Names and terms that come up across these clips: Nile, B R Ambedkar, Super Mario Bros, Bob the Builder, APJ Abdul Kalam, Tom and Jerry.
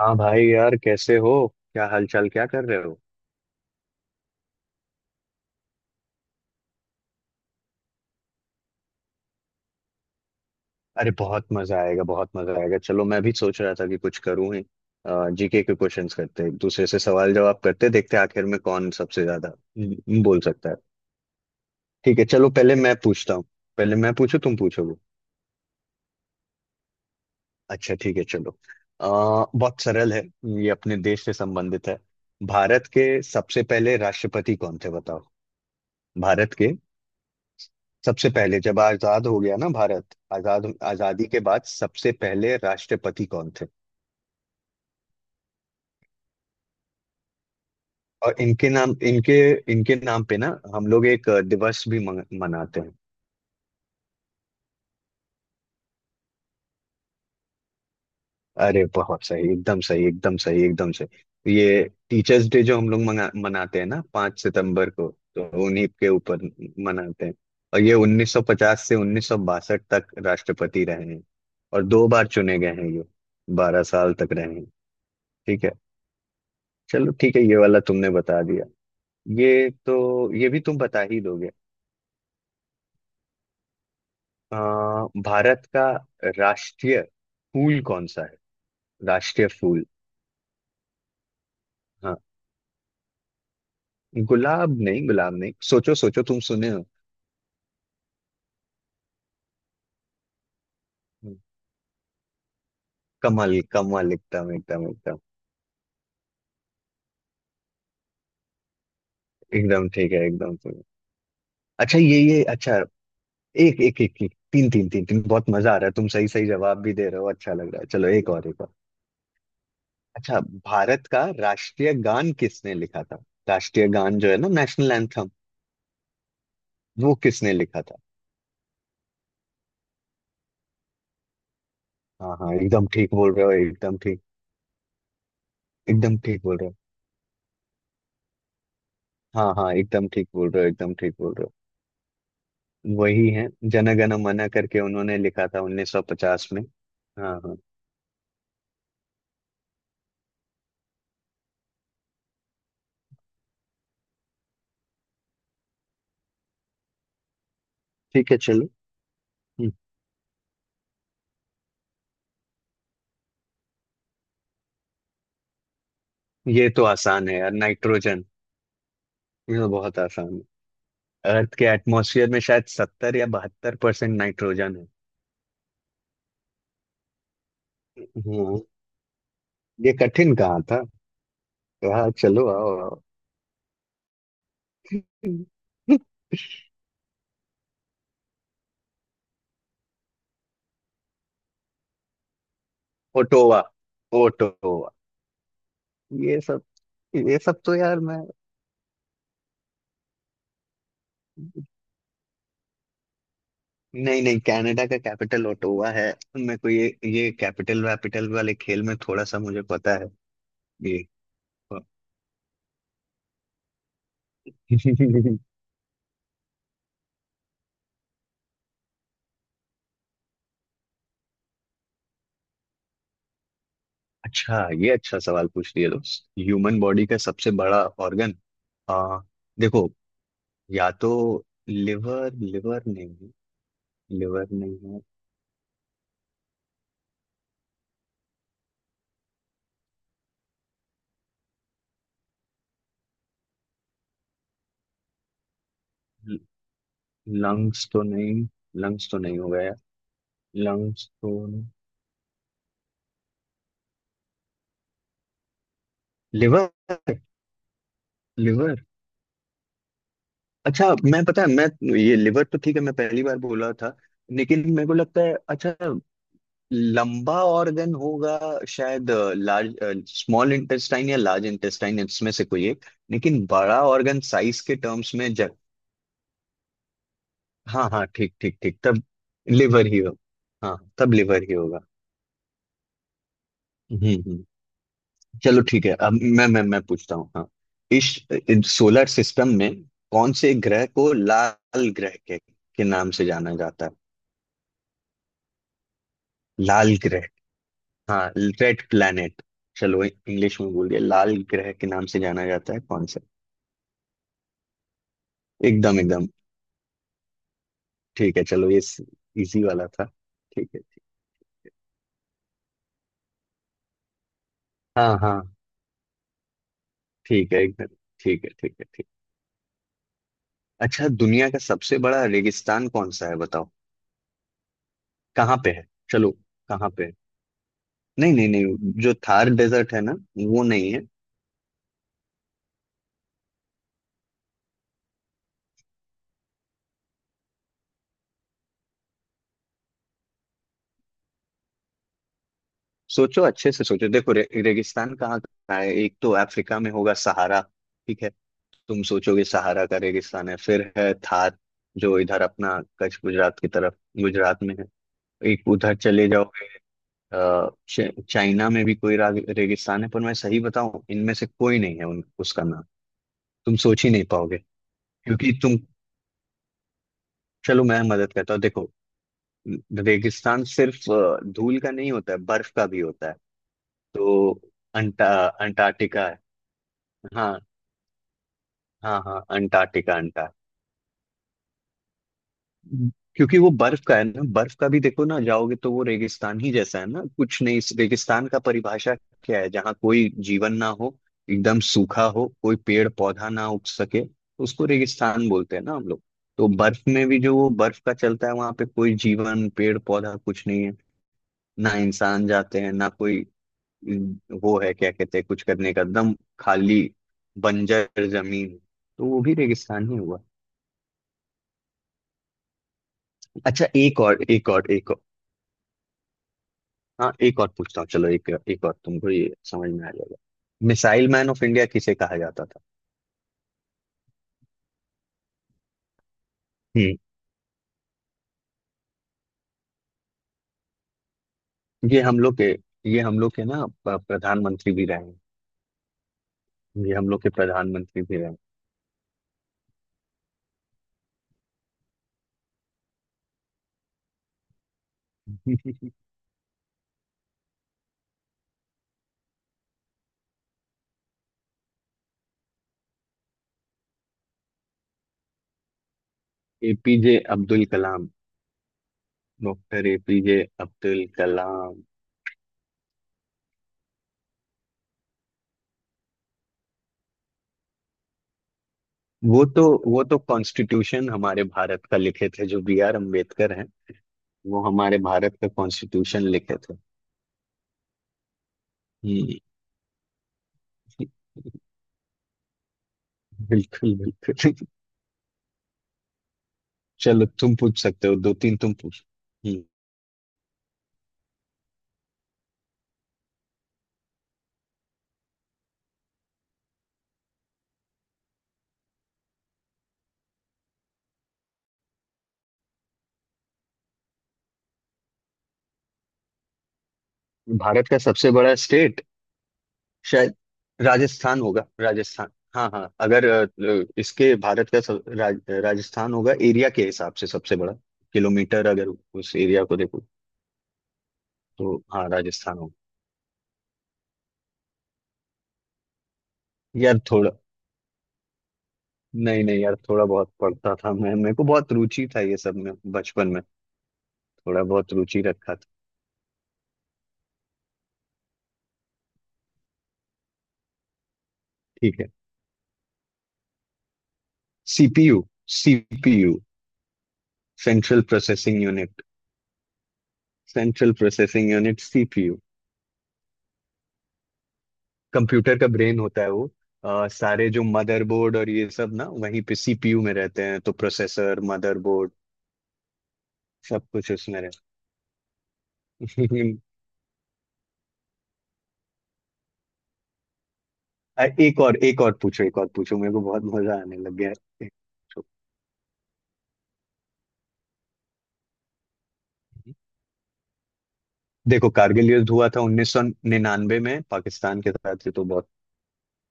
हाँ भाई यार, कैसे हो? क्या हालचाल, क्या कर रहे हो? अरे बहुत मजा आएगा, बहुत मजा आएगा। चलो, मैं भी सोच रहा था कि कुछ करूं ही। जीके के क्वेश्चंस करते हैं, एक दूसरे से सवाल जवाब करते हैं, देखते हैं आखिर में कौन सबसे ज्यादा बोल सकता है। ठीक है, चलो पहले मैं पूछता हूँ। पहले मैं पूछूं, तुम पूछोगे। अच्छा ठीक है, चलो। अ, बहुत सरल है। ये अपने देश से संबंधित है। भारत के सबसे पहले राष्ट्रपति कौन थे, बताओ? भारत के सबसे पहले, जब आजाद हो गया ना भारत, आजाद आजादी के बाद सबसे पहले राष्ट्रपति कौन थे? और इनके नाम, इनके इनके नाम पे ना, हम लोग एक दिवस भी मनाते हैं। अरे बहुत सही, एकदम सही, एकदम सही, एकदम सही। ये टीचर्स डे जो हम लोग मनाते हैं ना, 5 सितंबर को। तो उन्हीं के ऊपर मनाते हैं। और ये 1950 से 1962 तक राष्ट्रपति रहे हैं, और दो बार चुने गए हैं ये। 12 साल तक रहे हैं। ठीक है, चलो ठीक है, ये वाला तुमने बता दिया। ये तो, ये भी तुम बता ही दोगे। भारत का राष्ट्रीय फूल कौन सा है? राष्ट्रीय फूल। हाँ, गुलाब नहीं, गुलाब नहीं, सोचो सोचो, तुम सुने हो। कमल, कमल, एकदम एकदम एकदम, एकदम ठीक है, एकदम ठीक है। अच्छा, ये अच्छा। एक एक एक, एक, तीन तीन तीन तीन, बहुत मजा आ रहा है, तुम सही सही जवाब भी दे रहे हो, अच्छा लग रहा है। चलो, एक और, एक और। अच्छा, भारत का राष्ट्रीय गान किसने लिखा था? राष्ट्रीय गान जो है ना, नेशनल एंथम, वो किसने लिखा था? हाँ हाँ, एकदम ठीक बोल रहे हो, एकदम ठीक, एकदम ठीक बोल रहे हो। हाँ हाँ, एकदम ठीक बोल रहे हो, एकदम ठीक बोल रहे हो। वही है, जन गण मन करके उन्होंने लिखा था 1950 में। हाँ हाँ, ठीक है, चलो। हम्म, ये तो आसान है यार, नाइट्रोजन। ये तो बहुत आसान है। अर्थ के एटमॉस्फेयर में शायद 70 या 72% नाइट्रोजन है। हाँ, ये कठिन कहाँ था? हाँ चलो, आओ आओ। Ottawa, Ottawa. ये सब ये सब तो यार मैं। नहीं नहीं, कनाडा का कैपिटल ओटावा है। मेरे को ये कैपिटल वैपिटल वाले खेल में थोड़ा सा मुझे पता है। ये। अच्छा, ये अच्छा सवाल पूछ दिया दोस्त, ह्यूमन बॉडी का सबसे बड़ा ऑर्गन। आ, देखो, या तो लिवर, लिवर नहीं है? लिवर नहीं है। लंग्स तो नहीं, लंग्स तो नहीं हो गया, लंग्स तो नहीं? Liver, liver. अच्छा, मैं पता है मैं, ये लिवर तो ठीक है, मैं पहली बार बोला था। लेकिन मेरे को लगता है अच्छा लंबा ऑर्गन होगा शायद, लार्ज स्मॉल इंटेस्टाइन या लार्ज इंटेस्टाइन, इसमें से कोई एक। लेकिन बड़ा ऑर्गन, साइज के टर्म्स में जब। हाँ हाँ, ठीक ठीक ठीक, तब लिवर ही होगा, हाँ तब लिवर ही होगा। हम्म, चलो ठीक है, अब मैं पूछता हूँ। हाँ, इस सोलर सिस्टम में कौन से ग्रह को लाल ग्रह के नाम से जाना जाता है? लाल ग्रह, हाँ, रेड प्लैनेट। चलो, इंग्लिश में बोल दिया, लाल ग्रह के नाम से जाना जाता है कौन सा? एकदम एकदम, ठीक है, चलो, ये इजी वाला था। ठीक है ठीक, हाँ हाँ, ठीक है एकदम, ठीक है, ठीक है ठीक। अच्छा, दुनिया का सबसे बड़ा रेगिस्तान कौन सा है, बताओ? कहाँ पे है, चलो कहाँ पे है? नहीं नहीं नहीं, जो थार डेजर्ट है ना, वो नहीं है। सोचो, अच्छे से सोचो, देखो रे, रेगिस्तान कहाँ कहाँ है? एक तो अफ्रीका में होगा, सहारा। ठीक है। तुम सोचोगे सहारा का रेगिस्तान है, फिर है थार, जो इधर अपना कच्छ गुजरात की तरफ, गुजरात में है। एक उधर चले जाओ। अ, चाइना में भी कोई रेगिस्तान है, पर मैं सही बताऊं, इनमें से कोई नहीं है उन उसका नाम। तुम सोच ही नहीं पाओगे, क्योंकि तुम। चलो, मैं मदद करता हूँ, देखो। रेगिस्तान सिर्फ धूल का नहीं होता है, बर्फ का भी होता है। तो अंटा अंटार्कटिका है। हाँ हाँ हाँ, अंटार्कटिका, अंटार्कटिका। क्योंकि वो बर्फ का है ना, बर्फ का भी देखो ना, जाओगे तो वो रेगिस्तान ही जैसा है ना, कुछ नहीं। इस रेगिस्तान का परिभाषा क्या है? जहाँ कोई जीवन ना हो, एकदम सूखा हो, कोई पेड़ पौधा ना उग सके, तो उसको रेगिस्तान बोलते हैं ना हम लोग। तो बर्फ में भी, जो वो बर्फ का चलता है, वहां पे कोई जीवन, पेड़ पौधा कुछ नहीं है, ना इंसान जाते हैं, ना कोई। वो है क्या कहते हैं, कुछ करने का एकदम खाली, बंजर जमीन, तो वो भी रेगिस्तान ही हुआ। अच्छा एक और, एक और, एक और। हाँ एक और पूछता हूँ, चलो एक एक और तुमको ये समझ में आ जाएगा। मिसाइल मैन ऑफ इंडिया किसे कहा जाता था? हम्म। ये हम लोग के ये हम लोग के ना प्रधानमंत्री भी रहे हैं। ये हम लोग के प्रधानमंत्री भी रहे हैं। APJ Abdul Kalam, doctor APJ Abdul Kalam. वो तो वो तो कॉन्स्टिट्यूशन हमारे भारत का लिखे थे, जो बी आर अम्बेडकर हैं। वो हमारे भारत का कॉन्स्टिट्यूशन लिखे थे। हम्म। बिल्कुल बिल्कुल। चलो, तुम पूछ सकते हो दो तीन, तुम पूछ। हम्म। भारत का सबसे बड़ा स्टेट, शायद राजस्थान होगा, राजस्थान हाँ हाँ, अगर इसके भारत का राजस्थान होगा एरिया के हिसाब से सबसे बड़ा। किलोमीटर, अगर उस एरिया को देखो तो हाँ राजस्थान होगा। यार थोड़ा, नहीं नहीं यार, थोड़ा बहुत पढ़ता था मैं, मेरे को बहुत रुचि था ये सब में बचपन में, थोड़ा बहुत रुचि रखा था। ठीक है। CPU, CPU, central processing unit, central processing unit CPU. Computer का ब्रेन होता है वो। सारे जो मदरबोर्ड और ये सब ना, वहीं पे सीपीयू में रहते हैं, तो प्रोसेसर, मदरबोर्ड सब कुछ उसमें रहता है। एक और, एक और पूछो, एक और पूछो, मेरे को बहुत मजा आने लग गया है। देखो, कारगिल युद्ध हुआ था 1999 में पाकिस्तान के साथ, ये तो बहुत।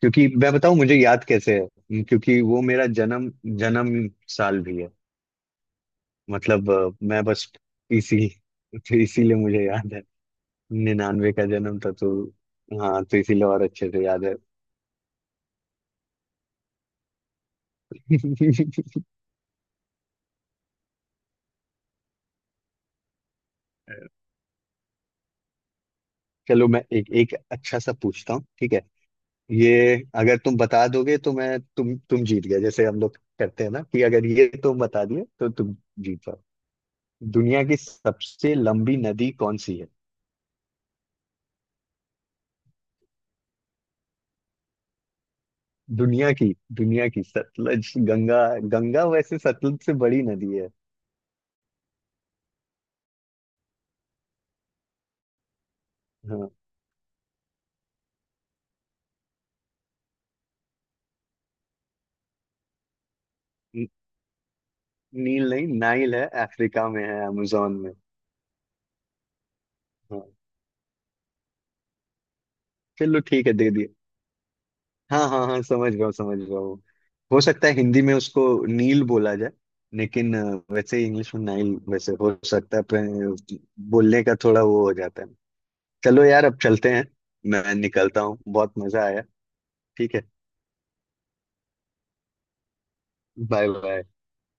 क्योंकि मैं बताऊं मुझे याद कैसे है, क्योंकि वो मेरा जन्म जन्म साल भी है, मतलब, मैं बस इसी। तो इसीलिए मुझे याद है, 99 का जन्म था, तो हाँ, तो इसीलिए और अच्छे से याद है। चलो, मैं एक एक अच्छा सा पूछता हूँ, ठीक है। ये अगर तुम बता दोगे तो मैं, तुम जीत गए, जैसे हम लोग करते हैं ना कि अगर ये तुम बता दिए तो तुम जीत जाओ। दुनिया की सबसे लंबी नदी कौन सी है? दुनिया की दुनिया की सतलज, गंगा। गंगा वैसे सतलज से बड़ी नदी है। हाँ, नी- नील नहीं, नाइल है, अफ्रीका में है, अमेजोन में। हाँ, चलो ठीक है, दे दिए। हाँ हाँ हाँ, समझ गया हूँ, समझ गया हूँ। हो सकता है हिंदी में उसको नील बोला जाए, लेकिन वैसे इंग्लिश में नाइल, वैसे हो सकता है पर बोलने का थोड़ा वो हो जाता है। चलो यार, अब चलते हैं, मैं निकलता हूँ, बहुत मजा आया। ठीक है, बाय बाय।